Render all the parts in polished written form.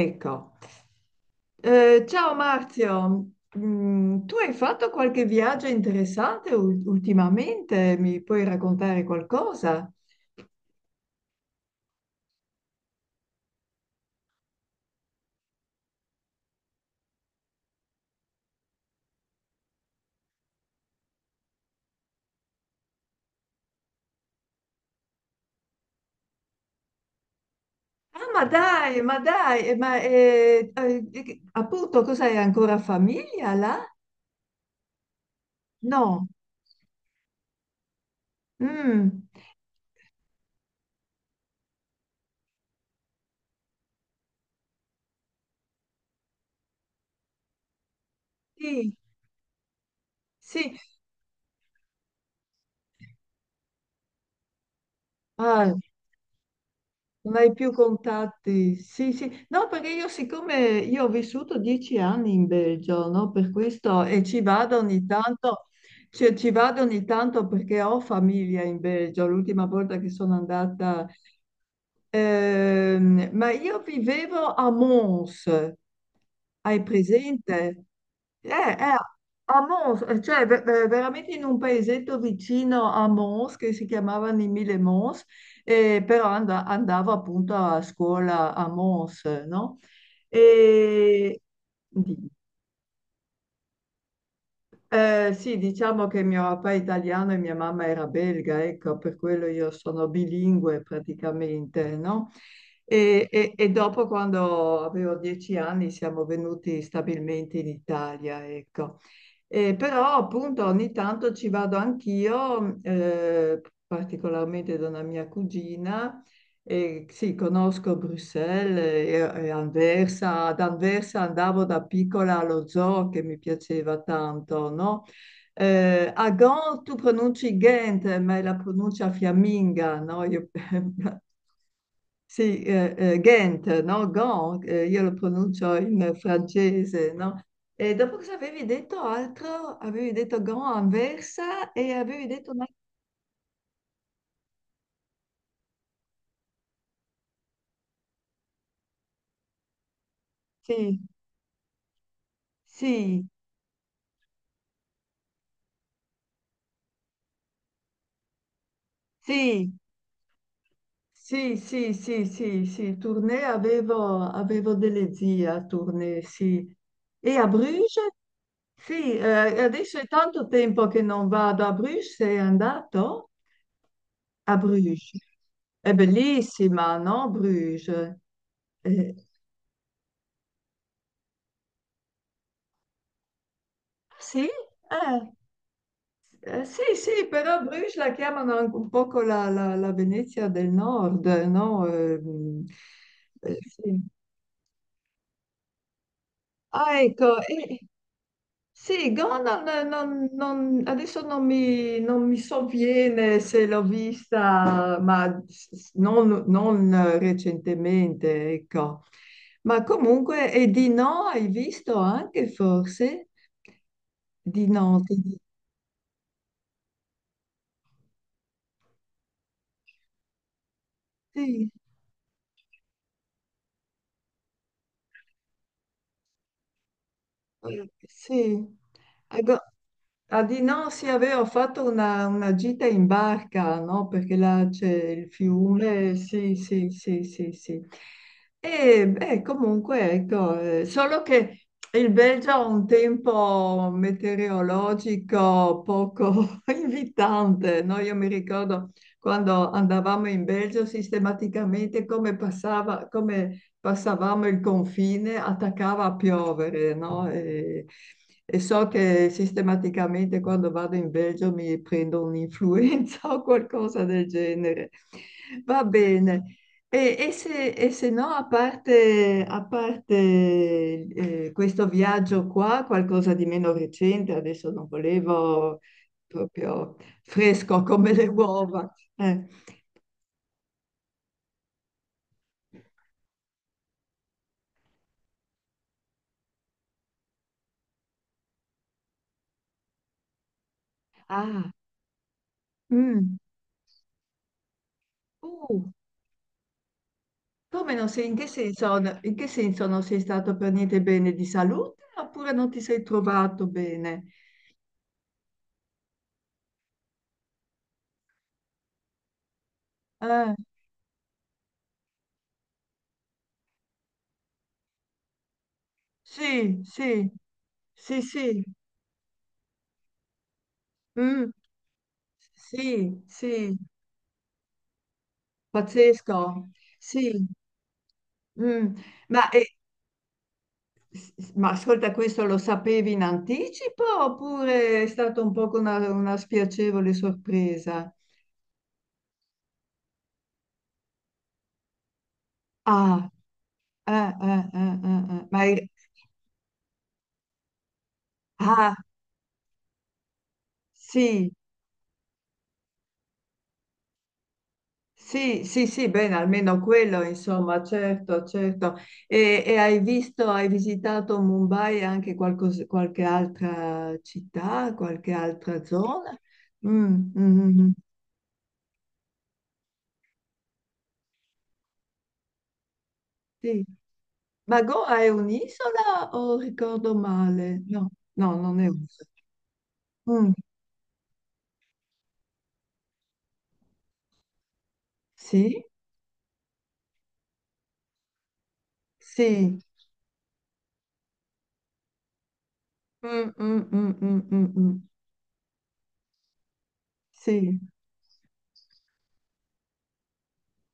Ecco. Ciao Marzio. Tu hai fatto qualche viaggio interessante ultimamente? Mi puoi raccontare qualcosa? Ah, ma dai, ma dai, ma appunto, cos'hai ancora famiglia là? No. Mm, sì, sì. Ah, non hai più contatti? Sì, sì. No, perché io siccome io ho vissuto 10 anni in Belgio, no? Per questo e ci vado ogni tanto, cioè, ci vado ogni tanto perché ho famiglia in Belgio. L'ultima volta che sono andata, ma io vivevo a Mons, hai presente? Eh, eh, A Mons, cioè veramente in un paesetto vicino a Mons che si chiamava Nimile Mons e però andavo appunto a scuola a Mons, no? E di- sì, diciamo che mio papà è italiano e mia mamma era belga, ecco, per quello io sono bilingue praticamente, no? E, e dopo, quando avevo 10 anni, siamo venuti stabilmente in Italia, ecco. Però appunto ogni tanto ci vado anch'io, particolarmente da una mia cugina. E sì, conosco Bruxelles e Anversa. Ad Anversa andavo da piccola allo zoo che mi piaceva tanto, no? A Gand tu pronunci Ghent, ma è la pronuncia fiamminga, no? Io Sì, Ghent, no? Gand, io lo pronuncio in francese, no? E dopo cosa avevi detto altro? Avevi detto Gand, Anversa e avevi detto un altro- Sì, sì, sì, sì, sì, sì, sì, sì, Tournai, avevo delle zie a Tournai, sì. E a Bruges? Sì, adesso è tanto tempo che non vado a Bruges, sei andato? A Bruges. È bellissima, no? Bruges. Eh, sì? Eh, sì, sì, però Bruges la chiamano anche un poco la Venezia del Nord, no? Sì. Ah, ecco, sì, Gonan, adesso non mi sovviene se l'ho vista, ma non recentemente, ecco. Ma comunque, e di no, hai visto anche forse? Di no, ti- sì, sì. Ecco, ah, di no, sì, avevo fatto una gita in barca, no? Perché là c'è il fiume, sì, sì, sì, sì, sì. E beh, comunque, ecco, solo che il Belgio ha un tempo meteorologico poco invitante, no? Io mi ricordo quando andavamo in Belgio sistematicamente come passava, come passavamo il confine, attaccava a piovere, no? E so che sistematicamente quando vado in Belgio mi prendo un'influenza o qualcosa del genere. Va bene. E se no, a parte, questo viaggio qua, qualcosa di meno recente, adesso non volevo proprio fresco come le uova. Ah, mm. Uh, come non sei, in che senso non sei stato per niente bene di salute oppure non ti sei trovato bene? Eh, sì, sì, sì, sì, mm, sì, sì, pazzesco, sì, mm. Ma, eh, ma ascolta, questo lo sapevi in anticipo oppure è stata un po' una spiacevole sorpresa? Ah, eh, ma è- ah, sì, sì, sì, sì, bene, almeno quello, insomma, certo, certo. E hai visto, hai visitato Mumbai e anche qualche altra città, qualche altra zona? Mm, mm, mm, sì. Ma Goa è un'isola o ricordo male? No, no, non è un'isola. Mm, sì, sì. Mm, mm, mm, mm, mm, mm. Sì,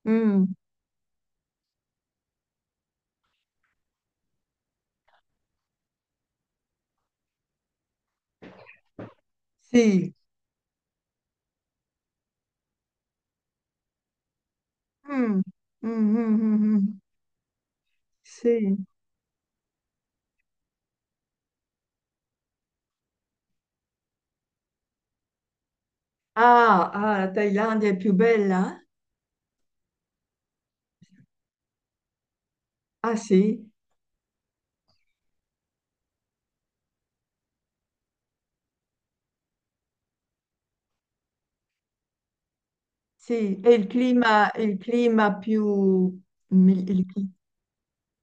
mm, sì. Mm, mm, mm, mm, mm. Sì. Ah, ah, la Thailandia è più bella? Ah sì, sì, è il clima più... mi- il cli-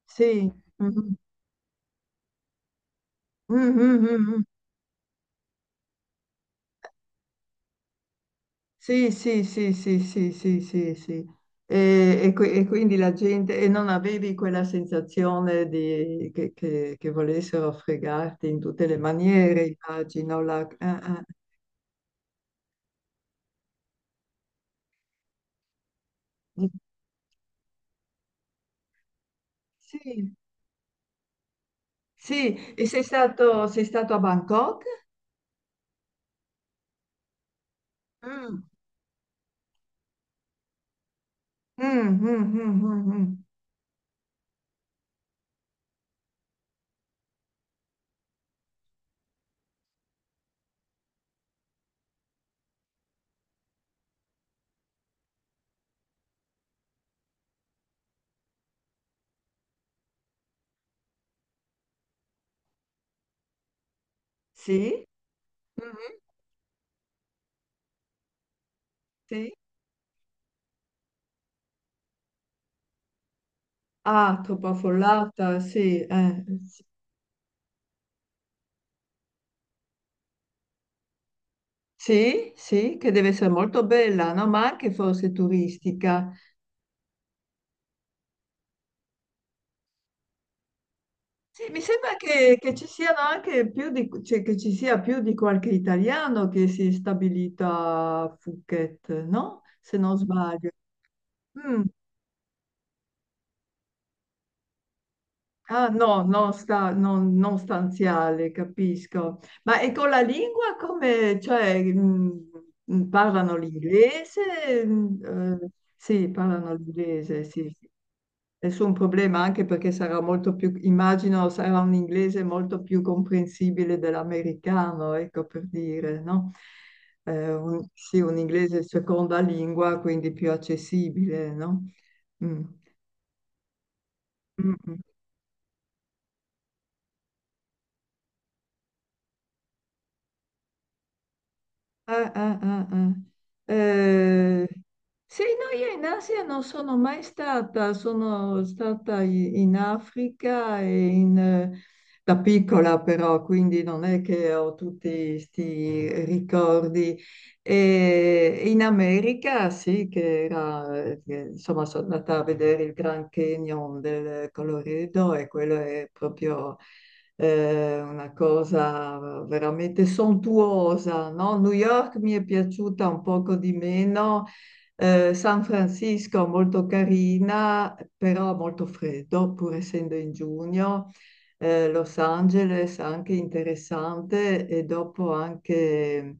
sì. Mhm. Mhm, mhm. Sì, sì, sì, sì, sì, sì, sì, sì. E quindi la gente. E non avevi quella sensazione che volessero fregarti in tutte le maniere, immagino. La- ah, ah. Sì, sì. E sei stato a Bangkok? Mm, mm, mm, mm, mm, mm. Sì? Mhm. Sì? Ah, troppo affollata, sì, s- Sì, sì, che deve essere molto bella, no? Ma anche forse turistica. Sì, mi sembra che ci siano anche cioè, che ci sia più di qualche italiano che si è stabilito a Phuket, no? Se non sbaglio. Mm. Ah, no, non stanziale, capisco. Ma e con la lingua come, cioè, parlano l'inglese? Eh, sì, parlano l'inglese, sì. Sì. Nessun problema, anche perché sarà molto più, immagino sarà un inglese molto più comprensibile dell'americano, ecco per dire, no? Sì, un inglese seconda lingua, quindi più accessibile, no? Mm. Mm, ah, ah, ah, ah. Eh, sì, no, io in Asia non sono mai stata, sono stata in Africa e da piccola però, quindi non è che ho tutti questi ricordi. E in America sì, che era, che, insomma, sono andata a vedere il Grand Canyon del Colorado e quello è proprio una cosa veramente sontuosa, no? New York mi è piaciuta un poco di meno, San Francisco molto carina, però molto freddo, pur essendo in giugno. Los Angeles anche interessante e dopo anche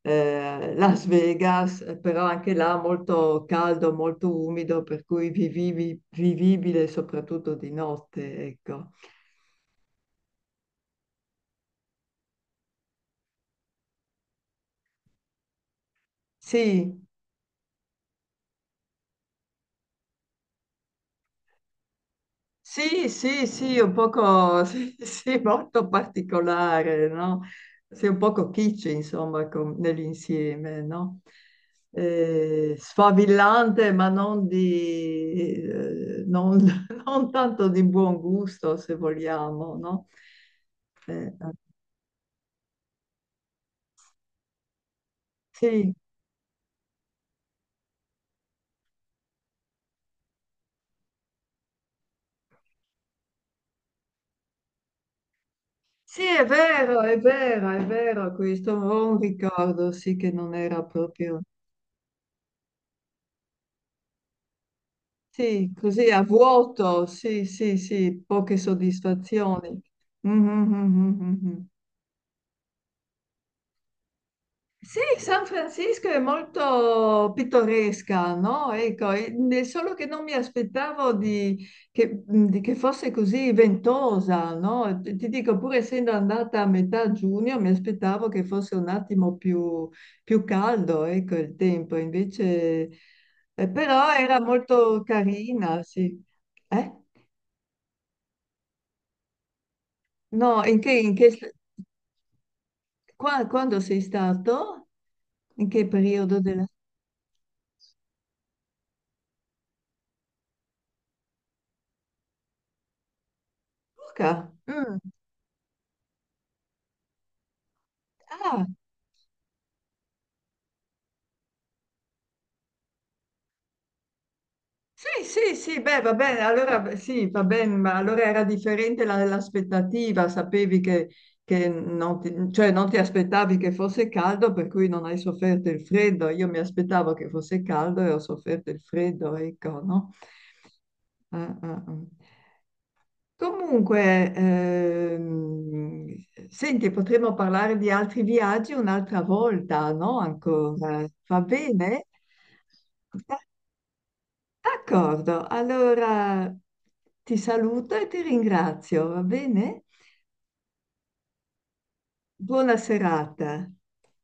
Las Vegas, però anche là molto caldo, molto umido, per cui vivibile soprattutto di notte, ecco. Sì, sì, sì, sì, un poco, sì, sì, molto particolare, no? Sei un poco kitsch, insomma, com- nell'insieme, no? Sfavillante, ma non non tanto di buon gusto, se vogliamo, no? Ah, sì. Sì, è vero, è vero, è vero questo, ho un ricordo, sì, che non era proprio. Sì, così a vuoto, sì, sì, sì, poche soddisfazioni. Mhm, mhm, mhm. Sì, San Francisco è molto pittoresca, no? Ecco, solo che non mi aspettavo di che fosse così ventosa, no? Ti dico, pur essendo andata a metà giugno, mi aspettavo che fosse un attimo più caldo, ecco, il tempo, invece, però era molto carina, sì. Eh? No, in che st- qua- quando sei stato? In che periodo della Luca? Mm. Ah, sì, sì, sì, beh, va bene, allora beh, sì, va bene, ma allora era differente l'aspettativa, sapevi che, non ti, cioè non ti aspettavi che fosse caldo, per cui non hai sofferto il freddo. Io mi aspettavo che fosse caldo e ho sofferto il freddo, ecco, no? Ah, ah, ah. Comunque, senti, potremmo parlare di altri viaggi un'altra volta, no? Ancora. Va bene? Da- D'accordo. Allora ti saluto e ti ringrazio, va bene? Buona serata.